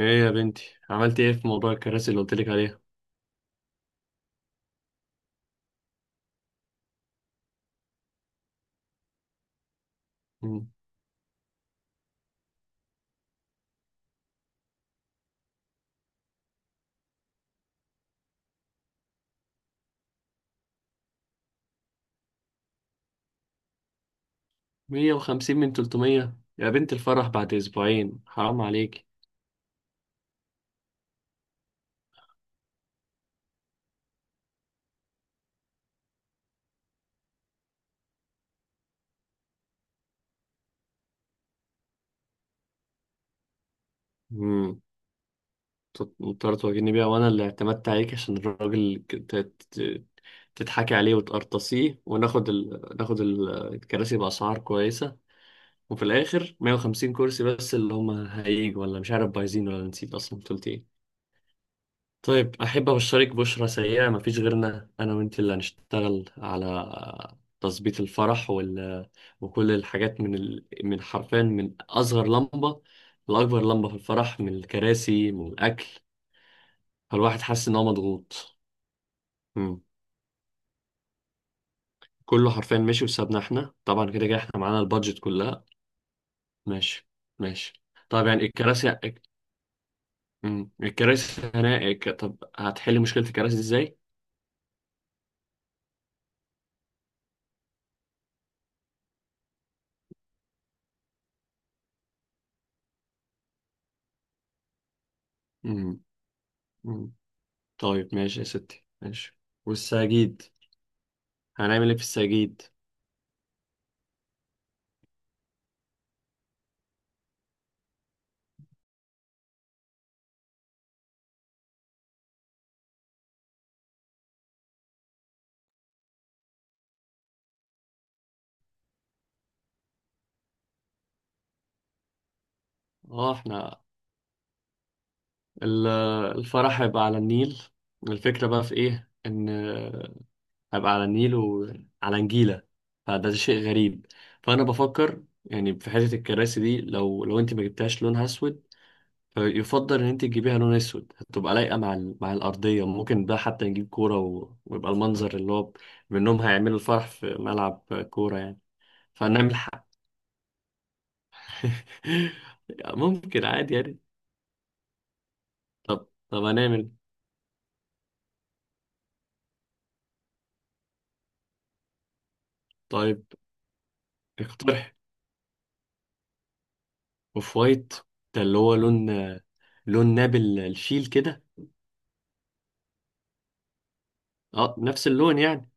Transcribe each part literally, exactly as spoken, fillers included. ايه يا بنتي عملت ايه في موضوع الكراسي اللي قلتلك عليها. مم. مية وخمسين من تلتمية يا بنت الفرح بعد اسبوعين حرام عليك. امم مضطر تواجهني بيها وانا اللي اعتمدت عليك عشان الراجل ك- ت- ت- تضحكي عليه وتقرطسيه وناخد ال... ناخد ال- الكراسي باسعار كويسه، وفي الاخر مية وخمسين كرسي بس اللي هم هيجوا، ولا مش عارف بايزين، ولا نسيت اصلا قلت إيه؟ طيب أحب أبشرك بشرى سيئة، مفيش غيرنا أنا وأنت اللي هنشتغل على تظبيط الفرح وال... وكل الحاجات من ال... من حرفيا من أصغر لمبة لأكبر لمبة في الفرح، من الكراسي، من الأكل، فالواحد حاسس إن هو مضغوط. مم. كله حرفيا ماشي بسببنا إحنا طبعا، كده كده إحنا معانا البادجت كلها. ماشي ماشي. طب يعني الكراسي، مم. الكراسي هنا، طب هتحل مشكلة الكراسي إزاي؟ مم. طيب ماشي يا ستي ماشي. والسجيد، هنعمل ايه في السجيد؟ اه، احنا ال- الفرح هيبقى على النيل، الفكرة بقى في ايه، ان هيبقى على النيل وعلى نجيلة، فده شيء غريب. فانا بفكر يعني في حتة الكراسي دي، لو لو انت ما جبتهاش لونها اسود، فيفضل ان انت تجيبيها لون اسود، هتبقى لايقة مع ال- مع الارضية. ممكن بقى حتى نجيب كورة و- ويبقى المنظر اللي هو منهم هيعملوا الفرح في ملعب كورة يعني، فنعمل ممكن عادي يعني. طب طب هنعمل إيه؟ طيب اقترح اوف وايت. ده اللي هو لون، لون نابل الشيل كده. اه، نفس اللون يعني،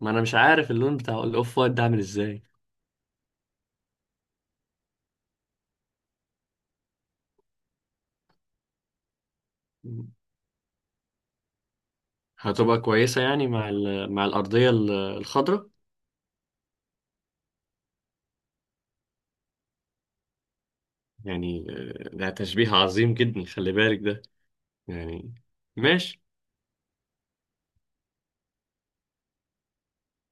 ما انا مش عارف اللون بتاع الاوف وايت ده عامل ازاي. هتبقى كويسة يعني مع ال... مع الأرضية ال- الخضراء. يعني آه، ده تشبيه عظيم جدا، خلي بالك ده يعني. ماشي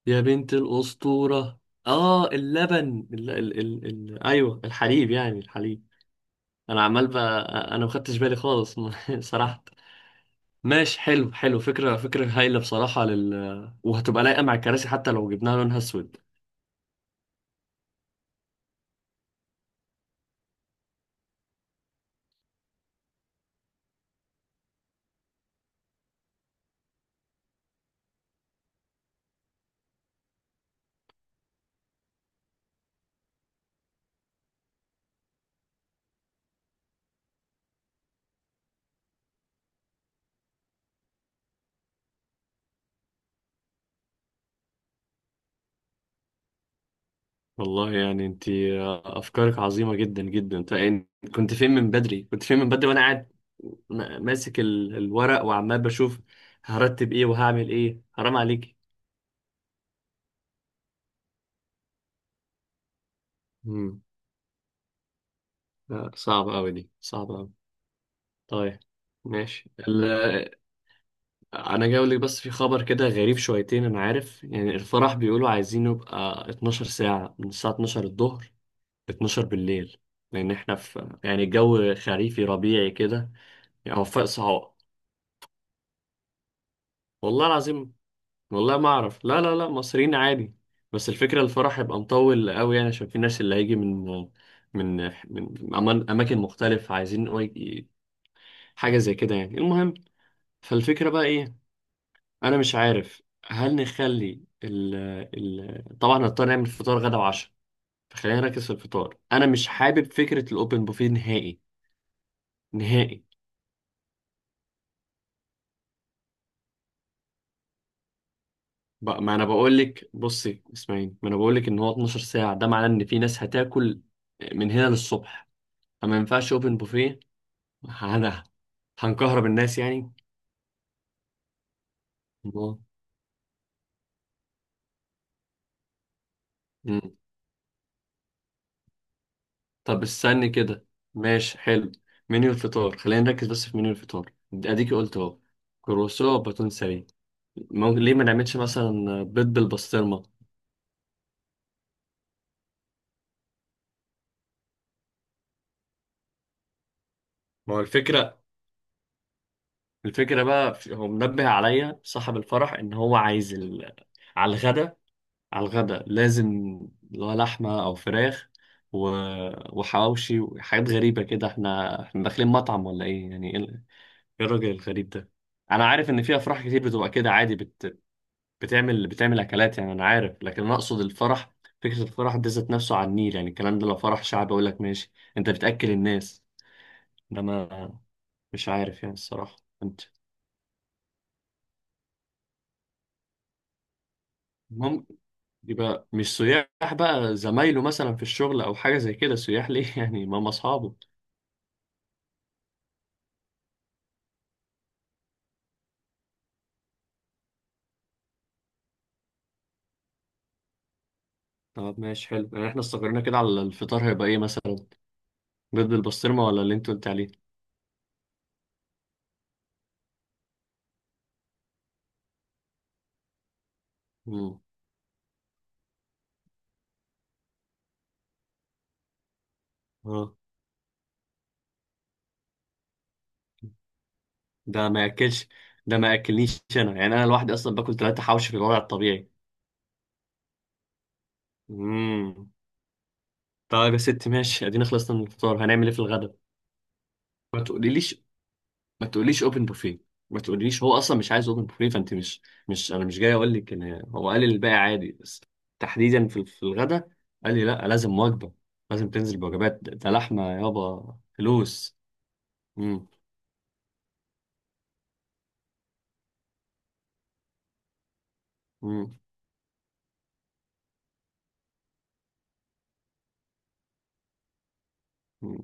يا بنت الأسطورة. اه، اللبن ال... ال... ال... ال... ايوه، الحليب يعني، الحليب. انا عمال بقى، انا ما خدتش بالي خالص صراحة. ماشي حلو حلو، فكرة فكرة هايلة بصراحة لل، وهتبقى لايقة مع الكراسي حتى لو جبناها لونها اسود. والله يعني انت افكارك عظيمة جدا جدا. طيب يعني، كنت فين من بدري كنت فين من بدري، وانا قاعد م- ماسك ال- الورق وعمال بشوف هرتب ايه وهعمل ايه، حرام عليك. مم. لا، صعبة قوي، دي صعبة قوي. طيب ماشي. انا جاي اقول لك بس، في خبر كده غريب شويتين، انا عارف يعني. الفرح بيقولوا عايزين يبقى 12 ساعة، من الساعة اتناشر الظهر ل اتناشر بالليل، لان احنا في يعني الجو خريفي ربيعي كده يعني، وفاء صعاب. والله العظيم، والله ما اعرف. لا لا لا، مصريين عادي، بس الفكرة الفرح هيبقى مطول قوي يعني، عشان في ناس اللي هيجي من من من أمان- اماكن مختلفة، عايزين ي- حاجة زي كده يعني. المهم، فالفكرة بقى ايه، انا مش عارف هل نخلي ال ال طبعا هنضطر نعمل فطار غدا وعشاء، فخلينا نركز في الفطار. انا مش حابب فكره الاوبن بوفيه نهائي، نهائي. بقى ما انا بقول لك، بصي اسمعيني، ما انا بقول لك ان هو اتناشر ساعة ساعه، ده معناه ان في ناس هتاكل من هنا للصبح، فما ينفعش اوبن بوفيه. انا هنكهرب الناس يعني. الله. مم. طب استني كده، ماشي حلو. منيو الفطار، خلينا نركز بس في منيو الفطار، اديكي قلت اهو كروسو باتون سريع. ممكن ليه ما نعملش مثلا بيض بالبسطرمة؟ ما هو الفكرة، الفكرة بقى في- هو منبه عليا صاحب الفرح ان هو عايز ال... على الغدا، على الغدا لازم اللي هو لحمة او فراخ و... وحواوشي وحاجات غريبة كده. احنا احنا داخلين مطعم ولا ايه يعني؟ ايه ال- إيه الراجل الغريب ده؟ انا عارف ان في افراح كتير بتبقى كده عادي، بت... بتعمل بتعمل اكلات يعني، انا عارف، لكن انا اقصد الفرح، فكرة الفرح دي ذات نفسه على النيل يعني. الكلام ده لو فرح شعبي اقول لك ماشي، انت بتأكل الناس، انا مش عارف يعني الصراحة. انت، ممكن يبقى مش سياح بقى، زمايله مثلا في الشغل او حاجة زي كده، سياح ليه يعني، ما هم اصحابه. طب ماشي حلو، يعني احنا استقرينا كده على الفطار، هيبقى ايه مثلا، بيض بالبسطرمة ولا اللي انت قلت عليه؟ امم، اه. ده ما ياكلش، ده ما ياكلنيش انا يعني، انا لوحدي اصلا باكل ثلاثة حوش في الوضع الطبيعي. امم. طيب يا ست ماشي، ادينا خلصنا من الفطار، هنعمل ايه في الغدا؟ ما تقوليليش، ما تقوليش اوبن بوفيه، ما تقوليش، هو اصلا مش عايز اوبن بوفيه. فانت مش، مش، انا مش جاي اقول لك ان هو قال لي الباقي عادي، بس تحديدا في في الغدا قال لي لا، لازم وجبه، لازم تنزل بوجبات. ده ده لحمه يابا، فلوس. مم. مم. مم.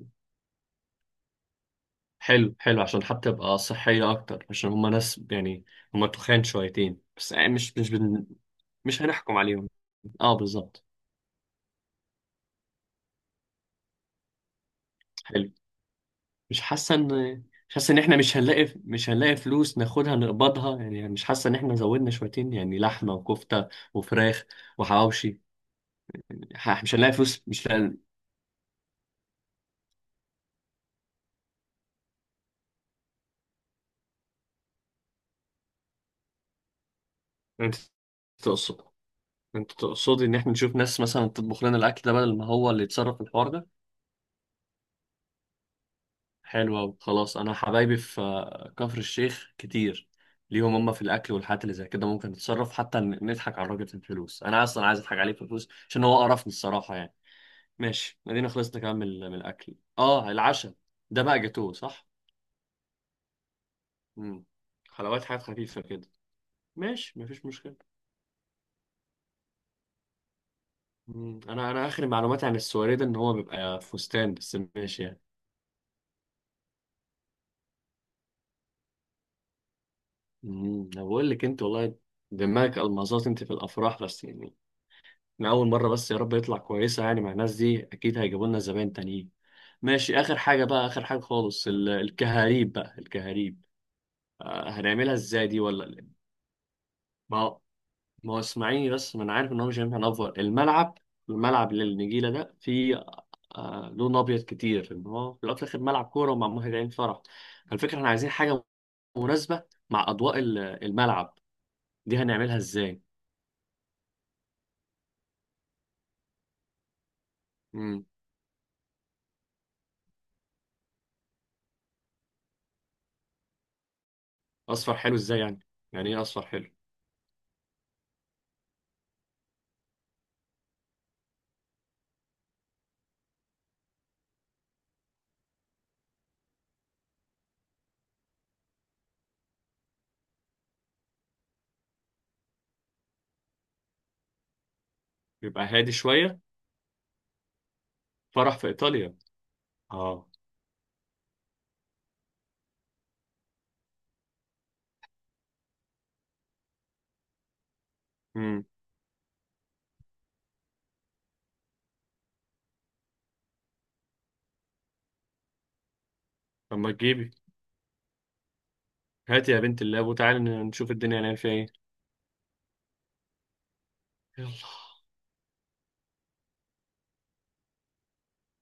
حلو حلو، عشان حتى تبقى صحيه اكتر، عشان هما ناس يعني، هما تخان شويتين بس يعني، مش مش بن... مش هنحكم عليهم. اه، بالظبط. مش حاسه ان مش حاسه ان احنا مش هنلاقي، مش هنلاقي فلوس ناخدها نقبضها يعني. مش حاسه ان احنا زودنا شويتين يعني، لحمه وكفته وفراخ وحواوشي؟ ح- مش هنلاقي فلوس، مش هنلاقي. انت تقصد انت تقصدي ان احنا نشوف ناس مثلا تطبخ لنا الاكل ده بدل ما هو اللي يتصرف في الحوار ده؟ حلو أوي. خلاص، انا حبايبي في آه، كفر الشيخ كتير، ليهم هم في الاكل والحاجات اللي زي كده، ممكن نتصرف، حتى ن- نضحك على الراجل في الفلوس. انا اصلا عايز اضحك عليه في الفلوس عشان هو قرفني الصراحه يعني. ماشي، ادينا خلصنا كمان من من الاكل. اه، العشاء ده بقى جاتوه صح؟ امم، حلويات، حاجات خفيفه كده، ماشي مفيش مشكله. مم. انا انا اخر معلوماتي عن السواري ده ان هو بيبقى فستان، بس ماشي يعني. امم، انا بقول لك انت والله دماغك المظات انت في الافراح بس يعني. انا اول مره، بس يا رب يطلع كويسه يعني، مع الناس دي اكيد هيجيبوا لنا زباين تانيين. ماشي، اخر حاجه بقى، اخر حاجه خالص، ال- الكهاريب بقى، الكهاريب، آه، هنعملها ازاي دي؟ ولا ما ما هو اسمعيني بس، ما انا عارف ان هو مش هينفع نفور الملعب، الملعب اللي النجيله ده فيه آه لون ابيض كتير، ان هو في الاول وفي الاخر ملعب كوره ومعمول هنا عين فرح. الفكره احنا عايزين حاجه مناسبه مع اضواء ال- الملعب، دي هنعملها ازاي؟ امم. اصفر حلو ازاي يعني؟ يعني ايه اصفر حلو؟ يبقى هادي شويه، فرح في ايطاليا. اه. امم. طب ما تجيبي، هاتي يا بنت اللاب وتعالي نشوف الدنيا هنعمل فيها ايه. يلا.